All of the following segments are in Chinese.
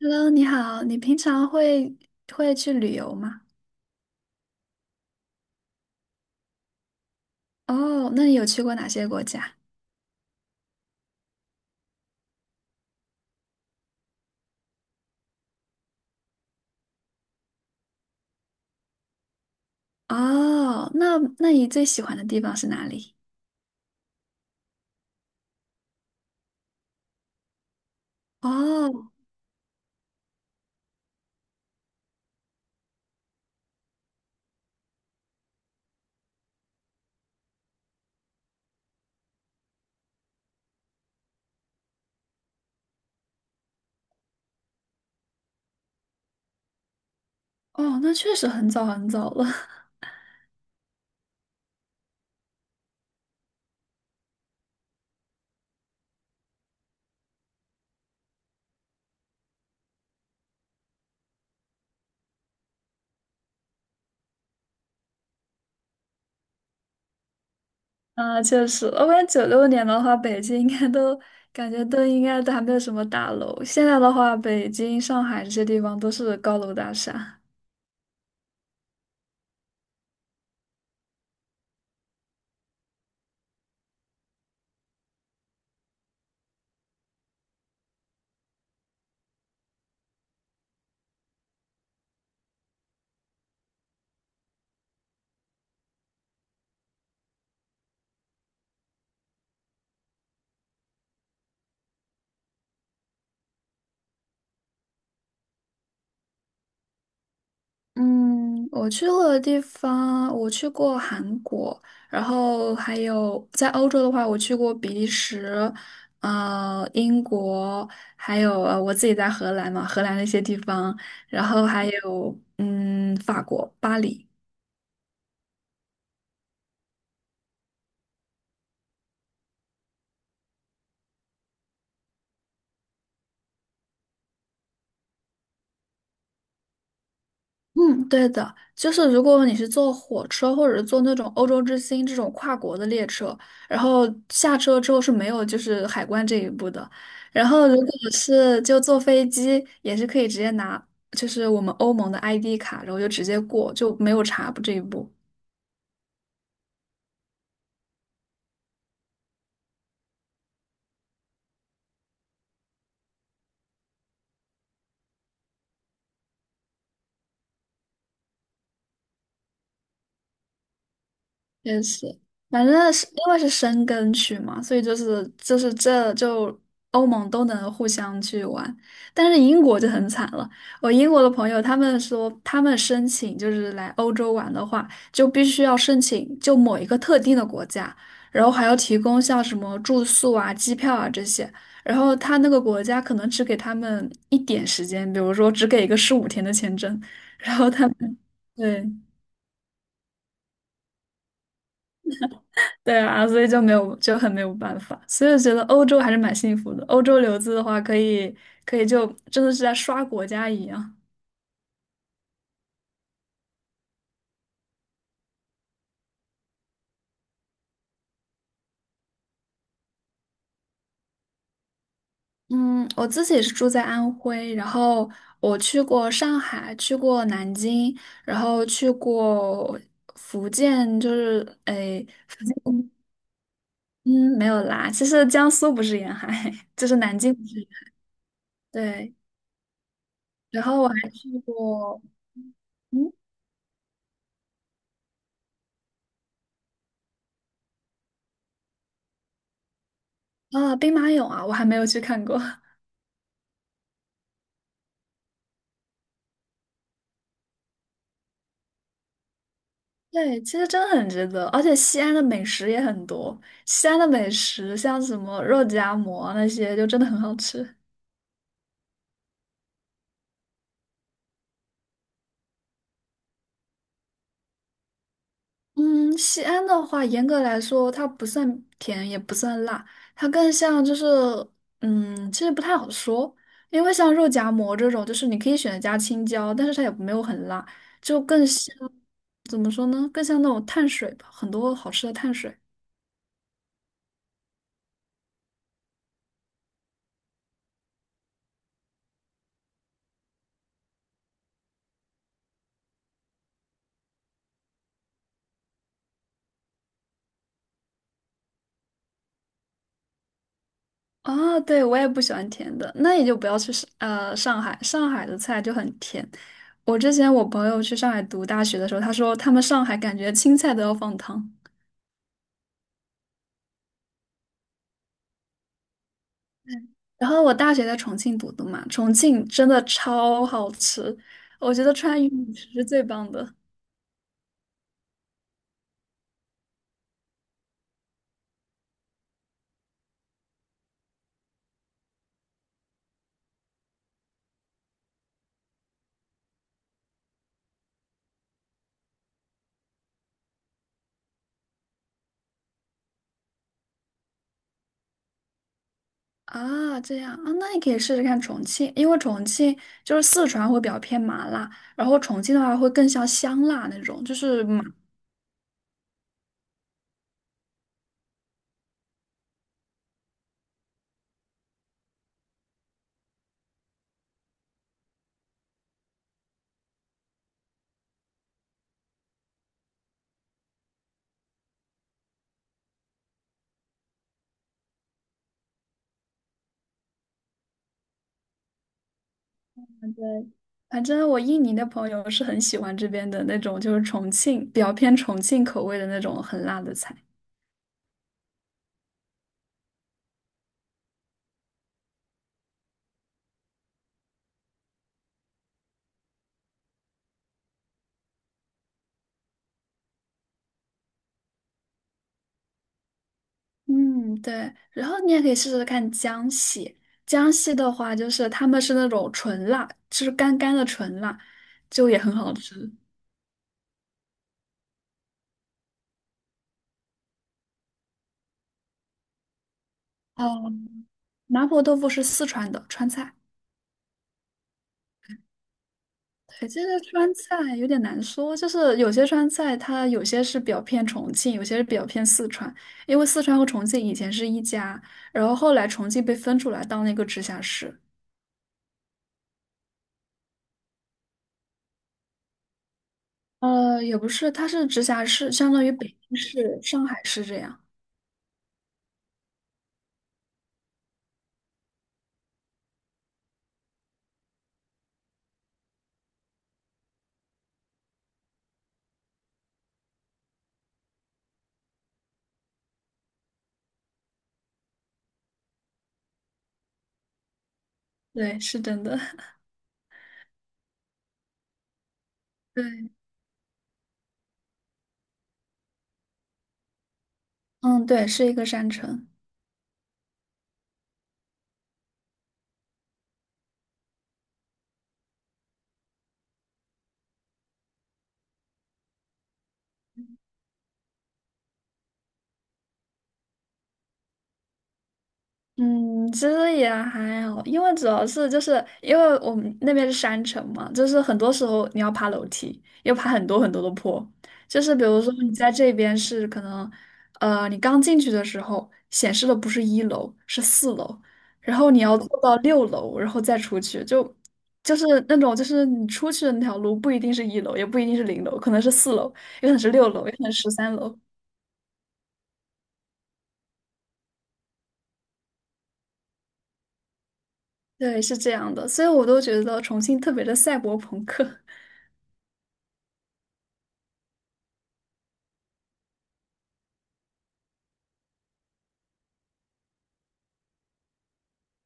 Hello，你好，你平常会去旅游吗？哦，那你有去过哪些国家？哦，那你最喜欢的地方是哪里？哦哦，那确实很早很早了。啊，确实，我感觉96年的话，北京应该都感觉都应该都还没有什么大楼。现在的话，北京、上海这些地方都是高楼大厦。嗯，我去过的地方，我去过韩国，然后还有在欧洲的话，我去过比利时，英国，还有我自己在荷兰嘛，荷兰的一些地方，然后还有法国巴黎。嗯，对的，就是如果你是坐火车或者是坐那种欧洲之星这种跨国的列车，然后下车之后是没有就是海关这一步的。然后如果是就坐飞机，也是可以直接拿就是我们欧盟的 ID 卡，然后就直接过，就没有查这一步。确实，反正是因为是申根区嘛，所以就是这就欧盟都能互相去玩，但是英国就很惨了。我英国的朋友他们说，他们申请就是来欧洲玩的话，就必须要申请就某一个特定的国家，然后还要提供像什么住宿啊、机票啊这些，然后他那个国家可能只给他们一点时间，比如说只给一个15天的签证。对，对啊，所以就没有就很没有办法，所以我觉得欧洲还是蛮幸福的。欧洲留子的话，可以就真的是在刷国家一样。嗯，我自己也是住在安徽，然后我去过上海，去过南京，然后去过福建，就是诶，福建嗯没有啦，其实江苏不是沿海，就是南京不是沿海对，然后我还去过嗯兵马俑啊，我还没有去看过。对，其实真的很值得，而且西安的美食也很多。西安的美食像什么肉夹馍那些，就真的很好吃。嗯，西安的话，严格来说，它不算甜，也不算辣，它更像就是，其实不太好说，因为像肉夹馍这种，就是你可以选择加青椒，但是它也没有很辣，就更像，怎么说呢？更像那种碳水吧，很多好吃的碳水。啊，对，我也不喜欢甜的，那也就不要去上海，上海的菜就很甜。我之前我朋友去上海读大学的时候，他说他们上海感觉青菜都要放糖。然后我大学在重庆读的嘛，重庆真的超好吃，我觉得川渝美食是最棒的啊！这样啊，那你可以试试看重庆，因为重庆就是四川会比较偏麻辣，然后重庆的话会更像香辣那种，就是麻。反正我印尼的朋友是很喜欢这边的那种，就是重庆比较偏重庆口味的那种很辣的菜。嗯，对。然后你也可以试试看江西，江西的话就是他们是那种纯辣，就是干干的纯辣，就也很好吃。哦，麻婆豆腐是四川的川菜。哎，这个川菜有点难说，就是有些川菜它有些是表偏重庆，有些是表偏四川，因为四川和重庆以前是一家，然后后来重庆被分出来当了一个直辖市，也不是，它是直辖市，相当于北京市、上海市这样。对，是真的。对，嗯，对，是一个山城。嗯，其实也还好，因为主要是就是因为我们那边是山城嘛，就是很多时候你要爬楼梯，要爬很多很多的坡。就是比如说你在这边是可能，你刚进去的时候显示的不是一楼，是四楼，然后你要坐到六楼，然后再出去，就是那种就是你出去的那条路不一定是一楼，也不一定是零楼，可能是四楼，也可能是六楼，也可能是13楼。对，是这样的，所以我都觉得重庆特别的赛博朋克。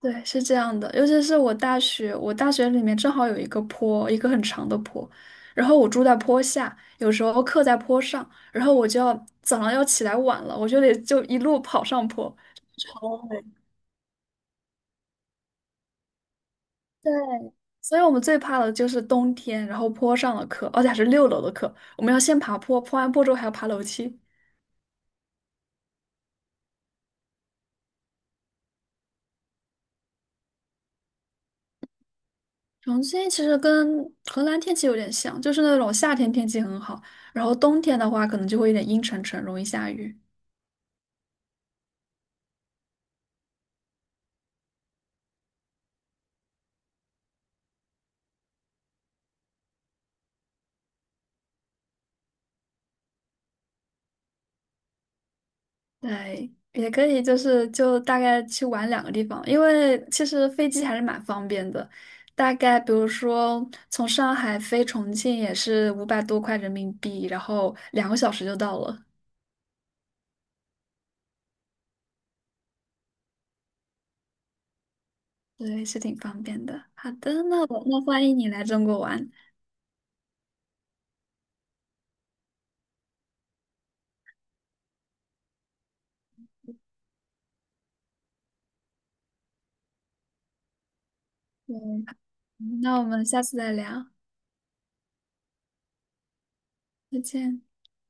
对，是这样的，尤其是我大学里面正好有一个坡，一个很长的坡，然后我住在坡下，有时候课在坡上，然后我就要早上要起来晚了，我就得就一路跑上坡。累。对，所以我们最怕的就是冬天，然后坡上的课，而且还是六楼的课，我们要先爬坡，坡完坡之后还要爬楼梯。重庆其实跟河南天气有点像，就是那种夏天天气很好，然后冬天的话可能就会有点阴沉沉，容易下雨。对，也可以，就是就大概去玩两个地方，因为其实飞机还是蛮方便的，大概比如说从上海飞重庆也是500多块人民币，然后两个小时就到了，对，是挺方便的。好的，那我那欢迎你来中国玩，对，那我们下次再聊，再见。